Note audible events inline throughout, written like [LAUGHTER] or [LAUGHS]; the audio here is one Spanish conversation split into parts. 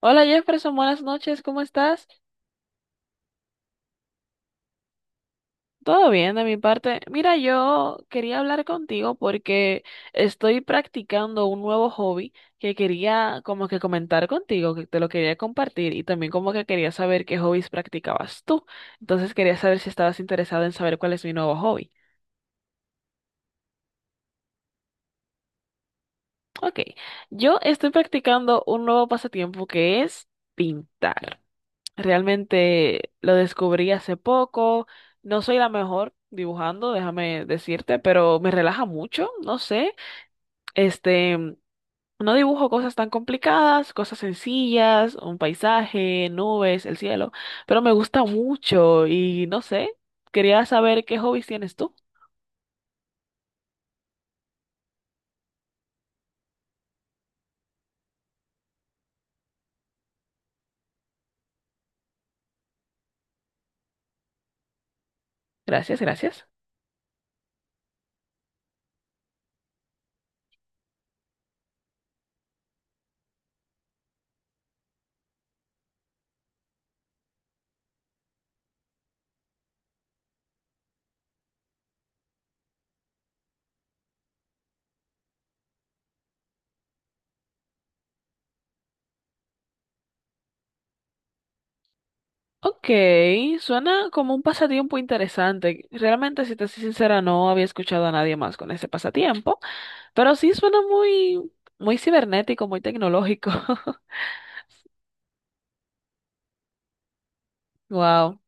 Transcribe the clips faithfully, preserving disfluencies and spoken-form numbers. Hola Jefferson, buenas noches, ¿cómo estás? Todo bien de mi parte. Mira, yo quería hablar contigo porque estoy practicando un nuevo hobby que quería como que comentar contigo, que te lo quería compartir y también como que quería saber qué hobbies practicabas tú. Entonces quería saber si estabas interesado en saber cuál es mi nuevo hobby. Ok, yo estoy practicando un nuevo pasatiempo que es pintar. Realmente lo descubrí hace poco. No soy la mejor dibujando, déjame decirte, pero me relaja mucho, no sé. Este, no dibujo cosas tan complicadas, cosas sencillas, un paisaje, nubes, el cielo, pero me gusta mucho y no sé. Quería saber qué hobbies tienes tú. Gracias, gracias. Ok, suena como un pasatiempo interesante. Realmente, si te soy sincera, no había escuchado a nadie más con ese pasatiempo, pero sí suena muy, muy cibernético, muy tecnológico. [LAUGHS] Wow.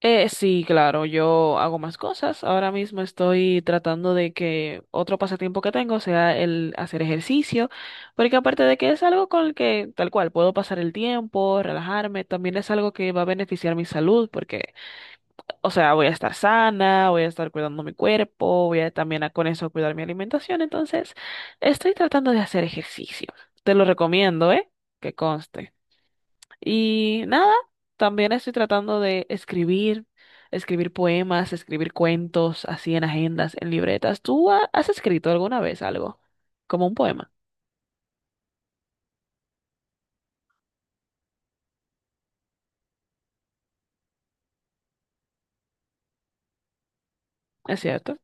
Eh, sí, claro, yo hago más cosas. Ahora mismo estoy tratando de que otro pasatiempo que tengo sea el hacer ejercicio, porque aparte de que es algo con el que tal cual puedo pasar el tiempo, relajarme, también es algo que va a beneficiar mi salud, porque, o sea, voy a estar sana, voy a estar cuidando mi cuerpo, voy a también a- con eso cuidar mi alimentación. Entonces, estoy tratando de hacer ejercicio. Te lo recomiendo, ¿eh? Que conste. Y nada, también estoy tratando de escribir, escribir poemas, escribir cuentos, así en agendas, en libretas. ¿Tú ha- has escrito alguna vez algo? Como un poema, ¿es cierto?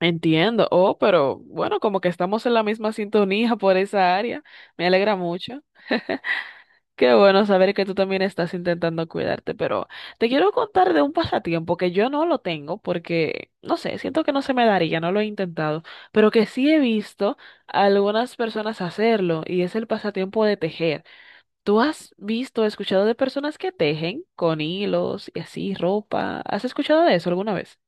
Entiendo. Oh, pero bueno, como que estamos en la misma sintonía [LAUGHS] por esa área. Me alegra mucho. Qué bueno saber que tú también estás intentando cuidarte, pero te quiero contar de un pasatiempo que yo no lo tengo porque, no sé, siento que no se me daría, no lo he intentado, pero que sí he visto a algunas personas hacerlo y es el pasatiempo de tejer. ¿Tú has visto, escuchado de personas que tejen con hilos y así ropa? ¿Has escuchado de eso alguna vez?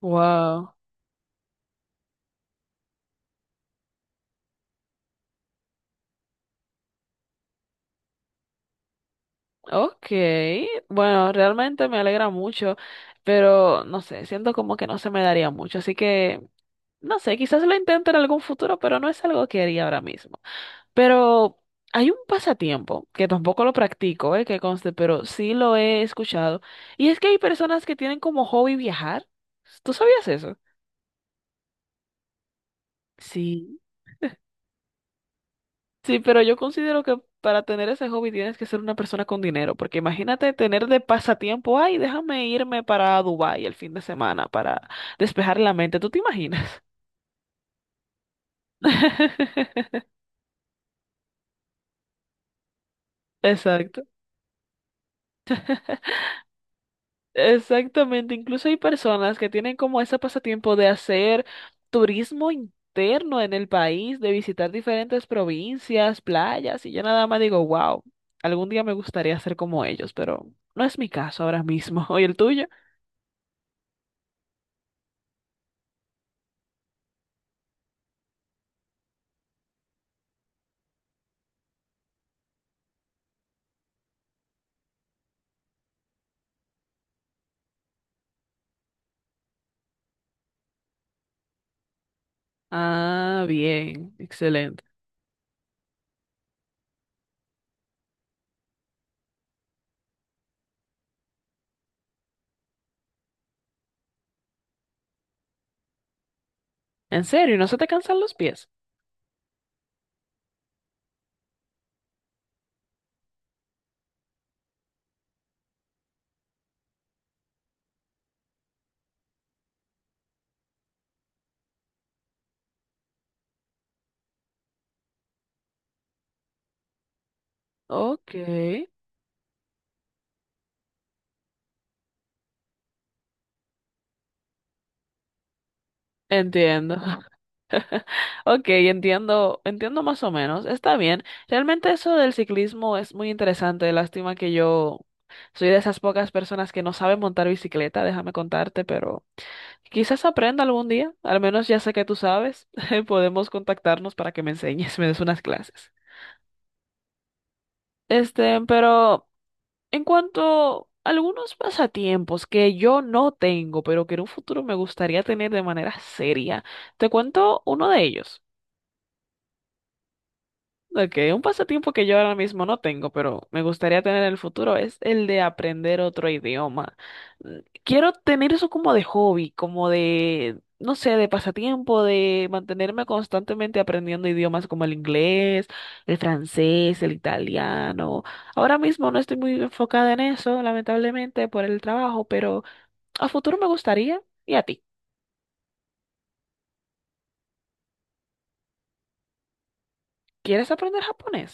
Wow, okay. Bueno, realmente me alegra mucho, pero no sé, siento como que no se me daría mucho, así que no sé, quizás lo intente en algún futuro, pero no es algo que haría ahora mismo. Pero hay un pasatiempo que tampoco lo practico, eh, que conste, pero sí lo he escuchado. Y es que hay personas que tienen como hobby viajar. ¿Tú sabías eso? Sí. Sí, pero yo considero que para tener ese hobby tienes que ser una persona con dinero, porque imagínate tener de pasatiempo, ay, déjame irme para Dubái el fin de semana para despejar la mente. ¿Tú te imaginas? [LAUGHS] Exacto. Exactamente, incluso hay personas que tienen como ese pasatiempo de hacer turismo interno en el país, de visitar diferentes provincias, playas, y yo nada más digo, wow, algún día me gustaría ser como ellos, pero no es mi caso ahora mismo. [LAUGHS] ¿Y el tuyo? Ah, bien, excelente. ¿En serio? ¿No se te cansan los pies? Ok, entiendo. [LAUGHS] Ok, entiendo, entiendo más o menos. Está bien. Realmente eso del ciclismo es muy interesante. Lástima que yo soy de esas pocas personas que no saben montar bicicleta, déjame contarte, pero quizás aprenda algún día. Al menos ya sé que tú sabes. [LAUGHS] Podemos contactarnos para que me enseñes, me des unas clases. Este, pero en cuanto a algunos pasatiempos que yo no tengo, pero que en un futuro me gustaría tener de manera seria, te cuento uno de ellos. Ok, un pasatiempo que yo ahora mismo no tengo, pero me gustaría tener en el futuro es el de aprender otro idioma. Mm, quiero tener eso como de hobby, como de, no sé, de pasatiempo, de mantenerme constantemente aprendiendo idiomas como el inglés, el francés, el italiano. Ahora mismo no estoy muy enfocada en eso, lamentablemente, por el trabajo, pero a futuro me gustaría. ¿Y a ti? ¿Quieres aprender japonés?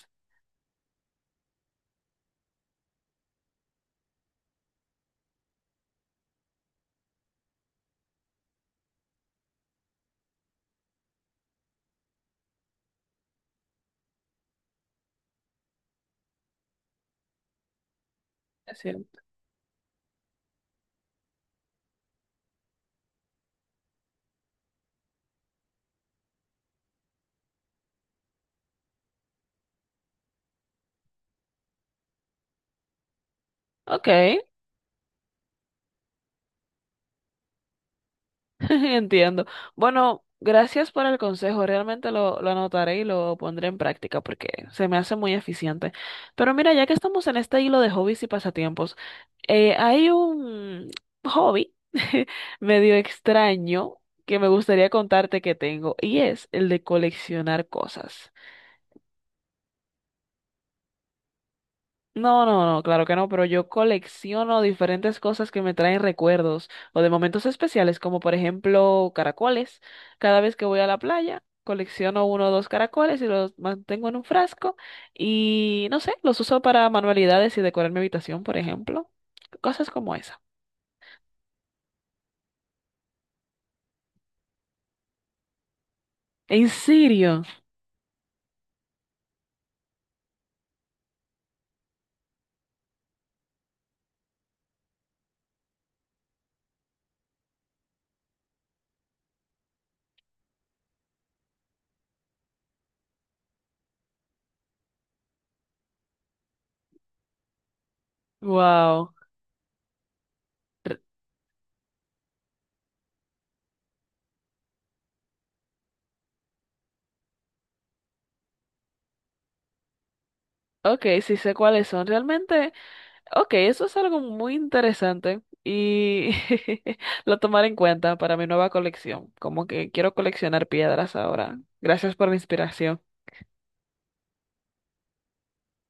Es cierto. Ok. [LAUGHS] Entiendo. Bueno, gracias por el consejo. Realmente lo, lo anotaré y lo pondré en práctica porque se me hace muy eficiente. Pero mira, ya que estamos en este hilo de hobbies y pasatiempos, eh, hay un hobby [LAUGHS] medio extraño que me gustaría contarte que tengo y es el de coleccionar cosas. No, no, no, claro que no, pero yo colecciono diferentes cosas que me traen recuerdos o de momentos especiales, como por ejemplo caracoles. Cada vez que voy a la playa, colecciono uno o dos caracoles y los mantengo en un frasco y no sé, los uso para manualidades y decorar mi habitación, por ejemplo. Cosas como esa. ¿En serio? Wow. Ok, sí sé cuáles son. Realmente. Ok, eso es algo muy interesante y [LAUGHS] lo tomaré en cuenta para mi nueva colección. Como que quiero coleccionar piedras ahora. Gracias por la inspiración.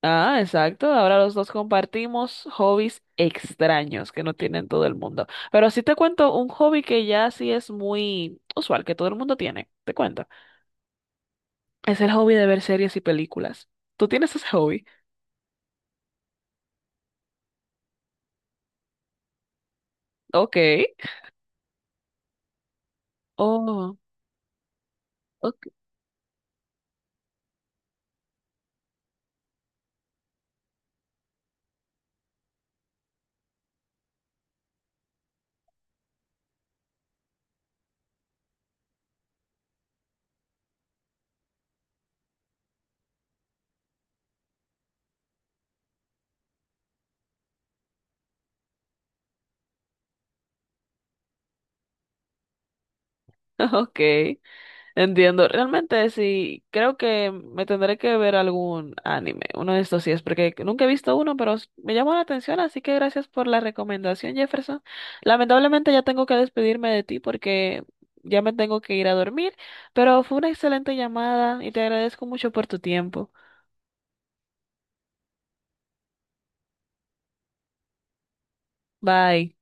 Ah, exacto. Ahora los dos compartimos hobbies extraños que no tienen todo el mundo. Pero sí te cuento un hobby que ya sí es muy usual, que todo el mundo tiene. Te cuento. Es el hobby de ver series y películas. ¿Tú tienes ese hobby? Ok. Oh, ok. [LAUGHS] Ok. Entiendo, realmente sí, creo que me tendré que ver algún anime, uno de estos sí es, porque nunca he visto uno, pero s- me llamó la atención, así que gracias por la recomendación, Jefferson. Lamentablemente ya tengo que despedirme de ti porque ya me tengo que ir a dormir, pero fue una excelente llamada y te agradezco mucho por tu tiempo. Bye.